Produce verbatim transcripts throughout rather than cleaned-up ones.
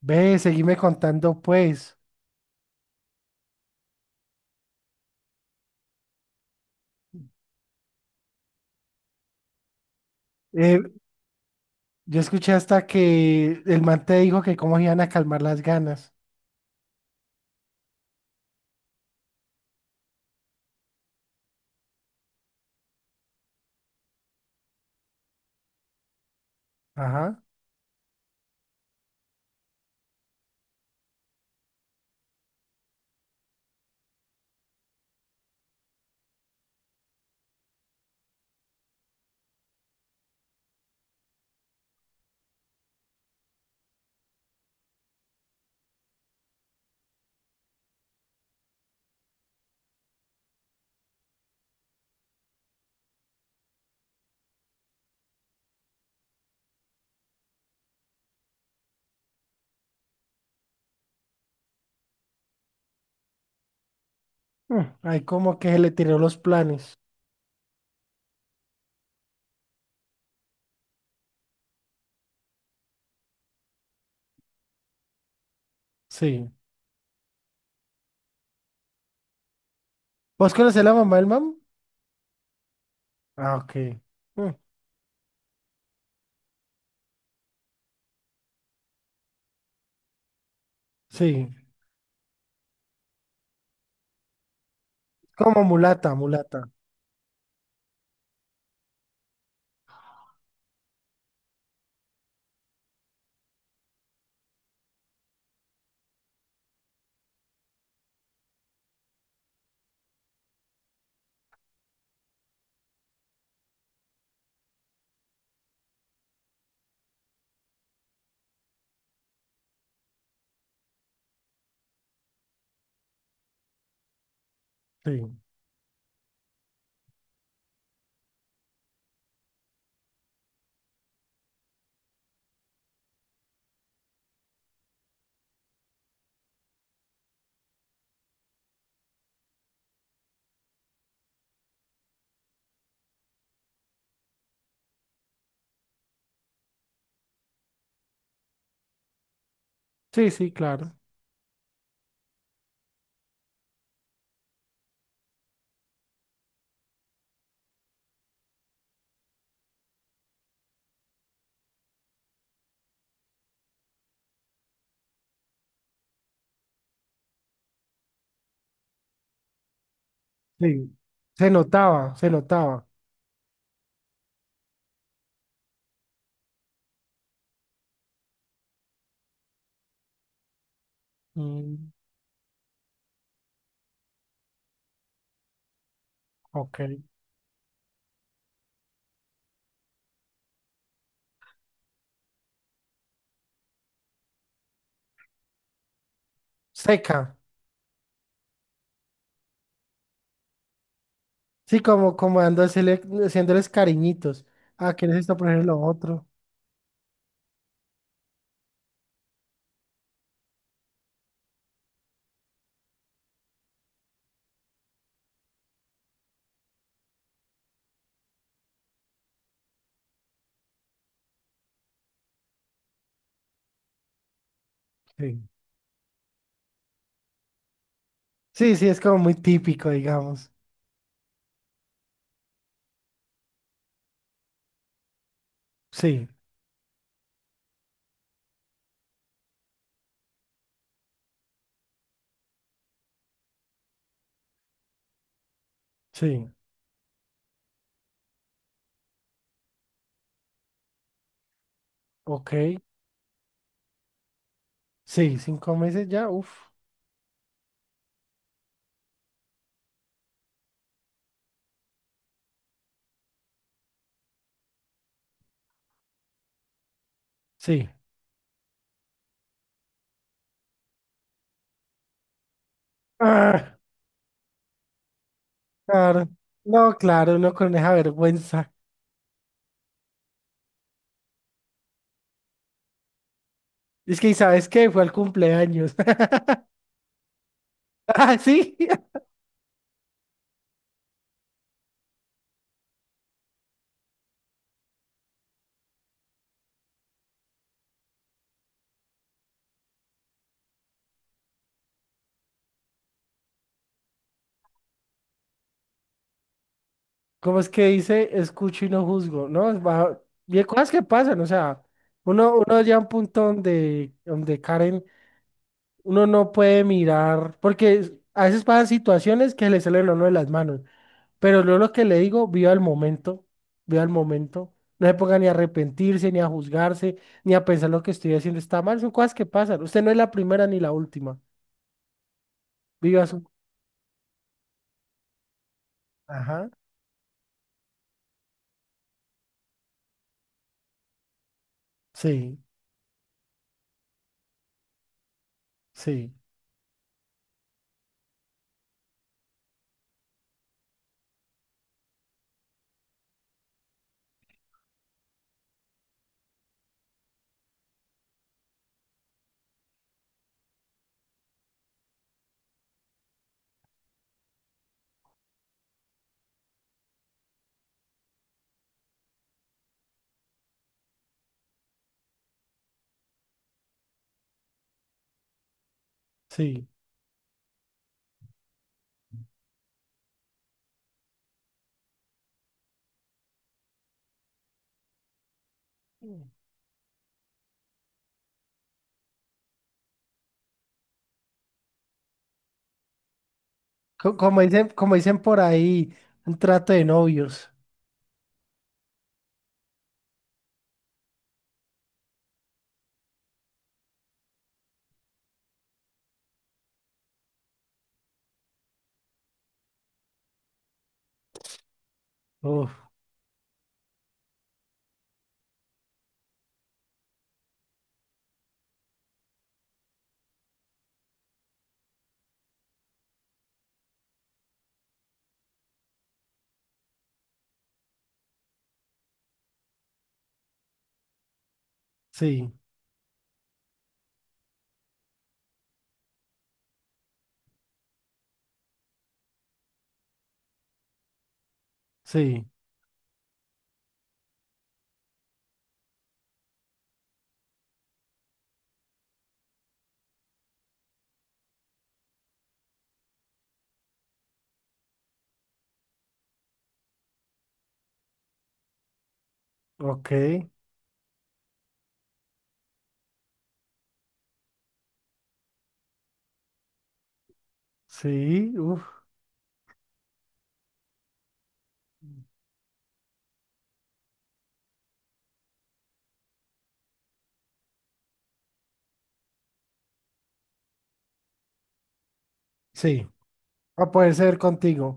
Ve, seguime contando pues. Eh, yo escuché hasta que el man te dijo que cómo iban a calmar las ganas. Ajá. Mm, Ahí como que se le tiró los planes. Sí. ¿Vos conocés la mamá del man? Ah, ok. Mm. Sí. Como mulata, mulata. Sí. Sí, sí, claro. Sí. Se notaba, se notaba. Mm, ok. Seca. Sí, como, como dándosele- haciéndoles cariñitos. Ah, ¿quieres esto poner lo otro? Sí. Sí, sí, es como muy típico, digamos. Sí, sí, ok. Sí, cinco meses ya, uff, sí. Ah, claro. No, claro, uno con esa vergüenza. Es que, ¿y sabes qué? Fue al cumpleaños. Ah, sí. ¿Cómo es que dice, escucho y no juzgo? ¿No? Es bajo- Y hay cosas que pasan, o sea, uno, uno llega a un punto donde, donde Karen, uno no puede mirar, porque a veces pasan situaciones que le salen a uno de las manos. Pero yo lo que le digo, viva el momento, viva el momento. No se ponga ni a arrepentirse, ni a juzgarse, ni a pensar lo que estoy haciendo está mal. Son cosas que pasan. Usted no es la primera ni la última. Viva su. Ajá. Sí, sí, sí. Co- Como dicen, como dicen por ahí, un trato de novios. Uf, sí, sí, ok, sí, uf, sí. Va a poder ser contigo.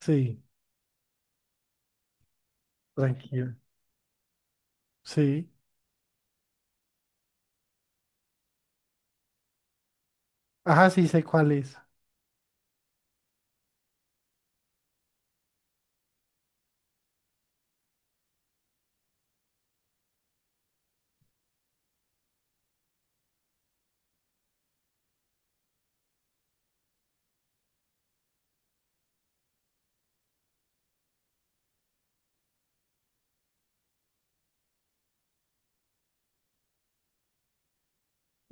Sí, tranquilo. Sí. Ajá, sí sé cuál es.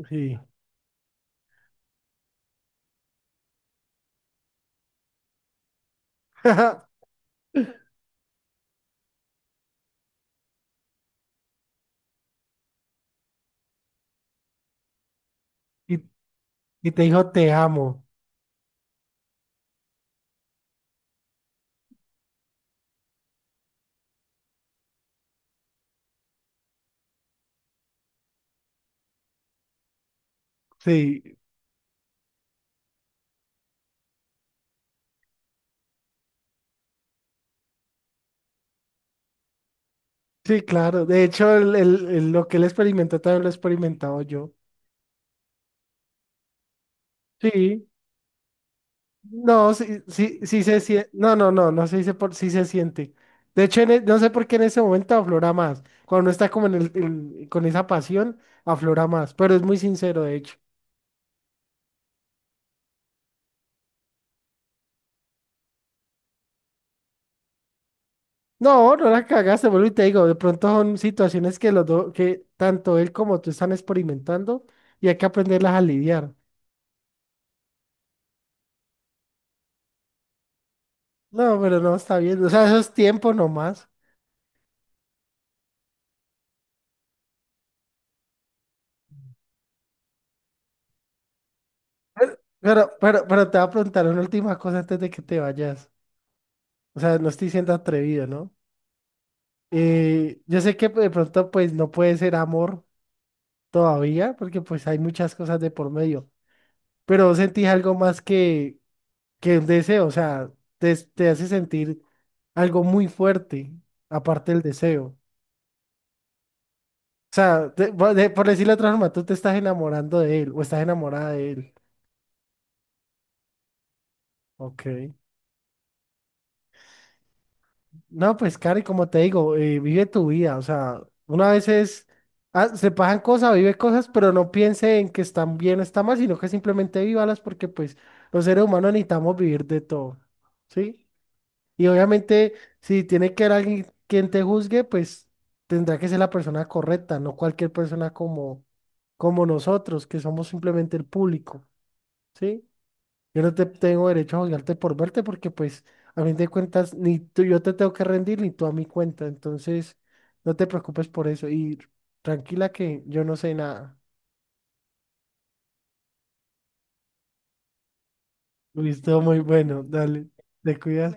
Sí. Y Y te dijo, te amo. Sí, sí, claro. De hecho, el- el- el- lo que él experimentó también lo he experimentado yo. Sí, no, sí, sí, sí se siente. No, no, no, no se dice por sí se siente. De hecho, en e- no sé por qué en ese momento aflora más. Cuando uno está como en el, en- con esa pasión, aflora más. Pero es muy sincero, de hecho. No, no la cagaste, vuelvo y te digo, de pronto son situaciones que los dos, que tanto él como tú están experimentando y hay que aprenderlas a lidiar. No, pero no está bien. O sea, eso es tiempo nomás. Pero, pero, pero te voy a preguntar una última cosa antes de que te vayas. O sea, no estoy siendo atrevido, ¿no? Eh, yo sé que de pronto pues no puede ser amor todavía, porque pues hay muchas cosas de por medio, pero ¿vos sentís algo más que, que un deseo, o sea, te, te hace sentir algo muy fuerte, aparte del deseo. O sea, de- por de- por decirlo de otra forma, tú te estás enamorando de él o estás enamorada de él. Ok. No, pues, Cari, como te digo, eh, vive tu vida. O sea, una vez es, ah, se pasan cosas, vive cosas, pero no piense en que están bien o están mal, sino que simplemente vívalas porque, pues, los seres humanos necesitamos vivir de todo. ¿Sí? Y obviamente, si tiene que haber alguien quien te juzgue, pues tendrá que ser la persona correcta, no cualquier persona como, como nosotros, que somos simplemente el público. ¿Sí? Yo no te tengo derecho a juzgarte por verte porque pues a fin de cuentas ni tú yo te tengo que rendir ni tú a mi cuenta. Entonces no te preocupes por eso y tranquila que yo no sé nada. Listo, muy bueno, dale. Te cuidas.